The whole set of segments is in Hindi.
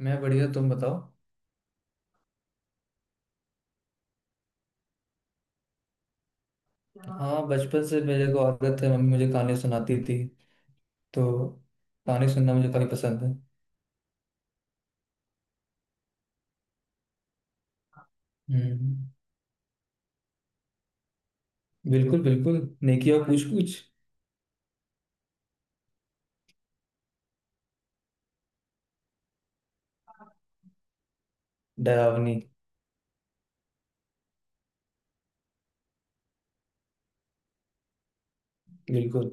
मैं बढ़िया, तुम बताओ। हाँ, बचपन से मेरे को आदत है, मम्मी मुझे कहानी सुनाती थी। तो कहानी सुनना मुझे काफी पसंद है। हम्म। बिल्कुल बिल्कुल। नेकी और पूछ पूछ। डरावनी। बिल्कुल।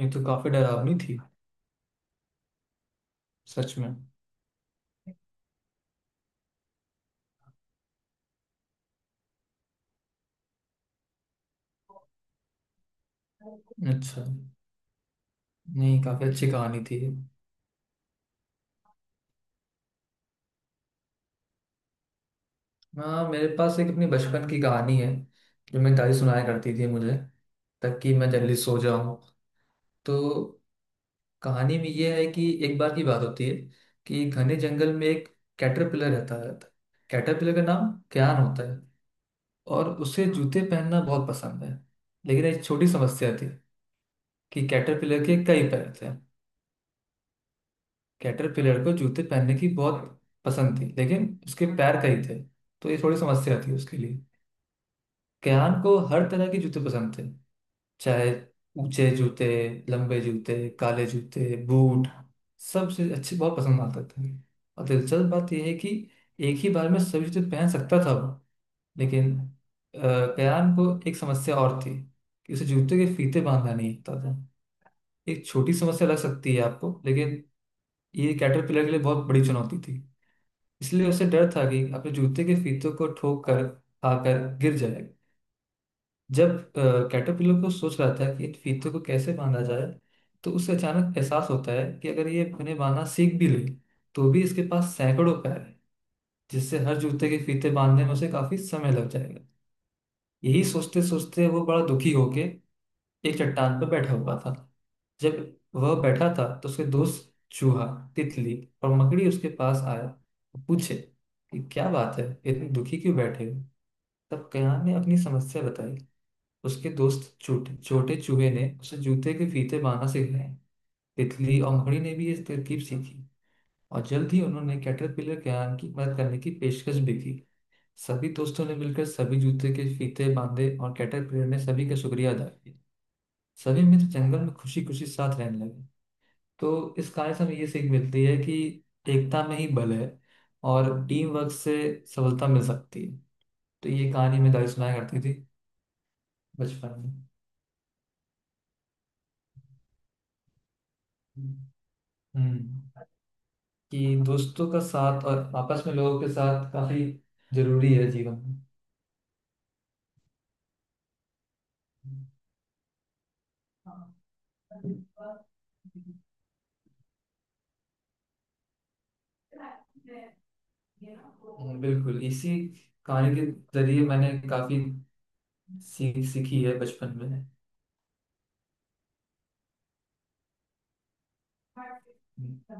ये तो काफी डरावनी थी। सच में। अच्छा। नहीं, काफी अच्छी कहानी थी ये। हाँ, मेरे पास एक अपनी बचपन की कहानी है, जो मेरी दादी सुनाया करती थी मुझे, ताकि मैं जल्दी सो जाऊं। तो कहानी में यह है कि एक बार की बात होती है कि घने जंगल में एक कैटरपिलर रहता रहता है। कैटरपिलर का नाम क्यान होता है और उसे जूते पहनना बहुत पसंद है। लेकिन एक छोटी समस्या थी कि कैटरपिलर के कई पैर थे। कैटरपिलर को जूते पहनने की बहुत पसंद थी, लेकिन उसके पैर कई थे। तो ये थोड़ी समस्या थी उसके लिए। कैन को हर तरह के जूते पसंद थे, चाहे ऊंचे जूते, लंबे जूते, काले जूते, बूट, सबसे अच्छे बहुत पसंद आता था। और दिलचस्प बात यह है कि एक ही बार में सभी जूते पहन सकता था वो। लेकिन कयान को एक समस्या और थी कि उसे जूते के फीते बांधना नहीं आता था। एक छोटी समस्या लग सकती है आपको, लेकिन ये कैटरपिलर के लिए बहुत बड़ी चुनौती थी। इसलिए उसे डर था कि अपने जूते के फीतों को ठोक कर खाकर गिर जाएगा। जब कैटरपिलर को सोच रहा था कि इन फीतों को कैसे बांधा जाए, तो उसे अचानक एहसास होता है कि अगर ये उन्हें बांधना सीख भी ले, तो भी इसके पास सैकड़ों पैर हैं, जिससे हर जूते के फीते बांधने में उसे काफी समय लग जाएगा। यही सोचते सोचते वो बड़ा दुखी होके एक चट्टान पर बैठा हुआ था। जब वह बैठा था तो उसके दोस्त चूहा, तितली और मकड़ी उसके पास आया और पूछे कि क्या बात है, इतने दुखी क्यों बैठे हो। तब कयान ने अपनी समस्या बताई। उसके दोस्त छोटे छोटे चूहे ने उसे जूते के फीते बांधना सिखाए। तितली और मकड़ी ने भी ये तरकीब सीखी और जल्द ही उन्होंने कैटरपिलर क्रेन की मदद करने की पेशकश भी की। सभी दोस्तों ने मिलकर सभी जूते के फीते बांधे और कैटरपिलर ने सभी का शुक्रिया अदा किया। सभी मित्र जंगल में खुशी खुशी साथ रहने लगे। तो इस कहानी से हमें ये सीख मिलती है कि एकता में ही बल है और टीम वर्क से सफलता मिल सकती है। तो ये कहानी मैं दादी सुनाया करती थी बचपन में। हम्म। कि दोस्तों का साथ और आपस में लोगों के साथ काफी जरूरी है जीवन में। हम्म, बिल्कुल। इसी कहानी के जरिए मैंने काफी सीख सीखी है बचपन में।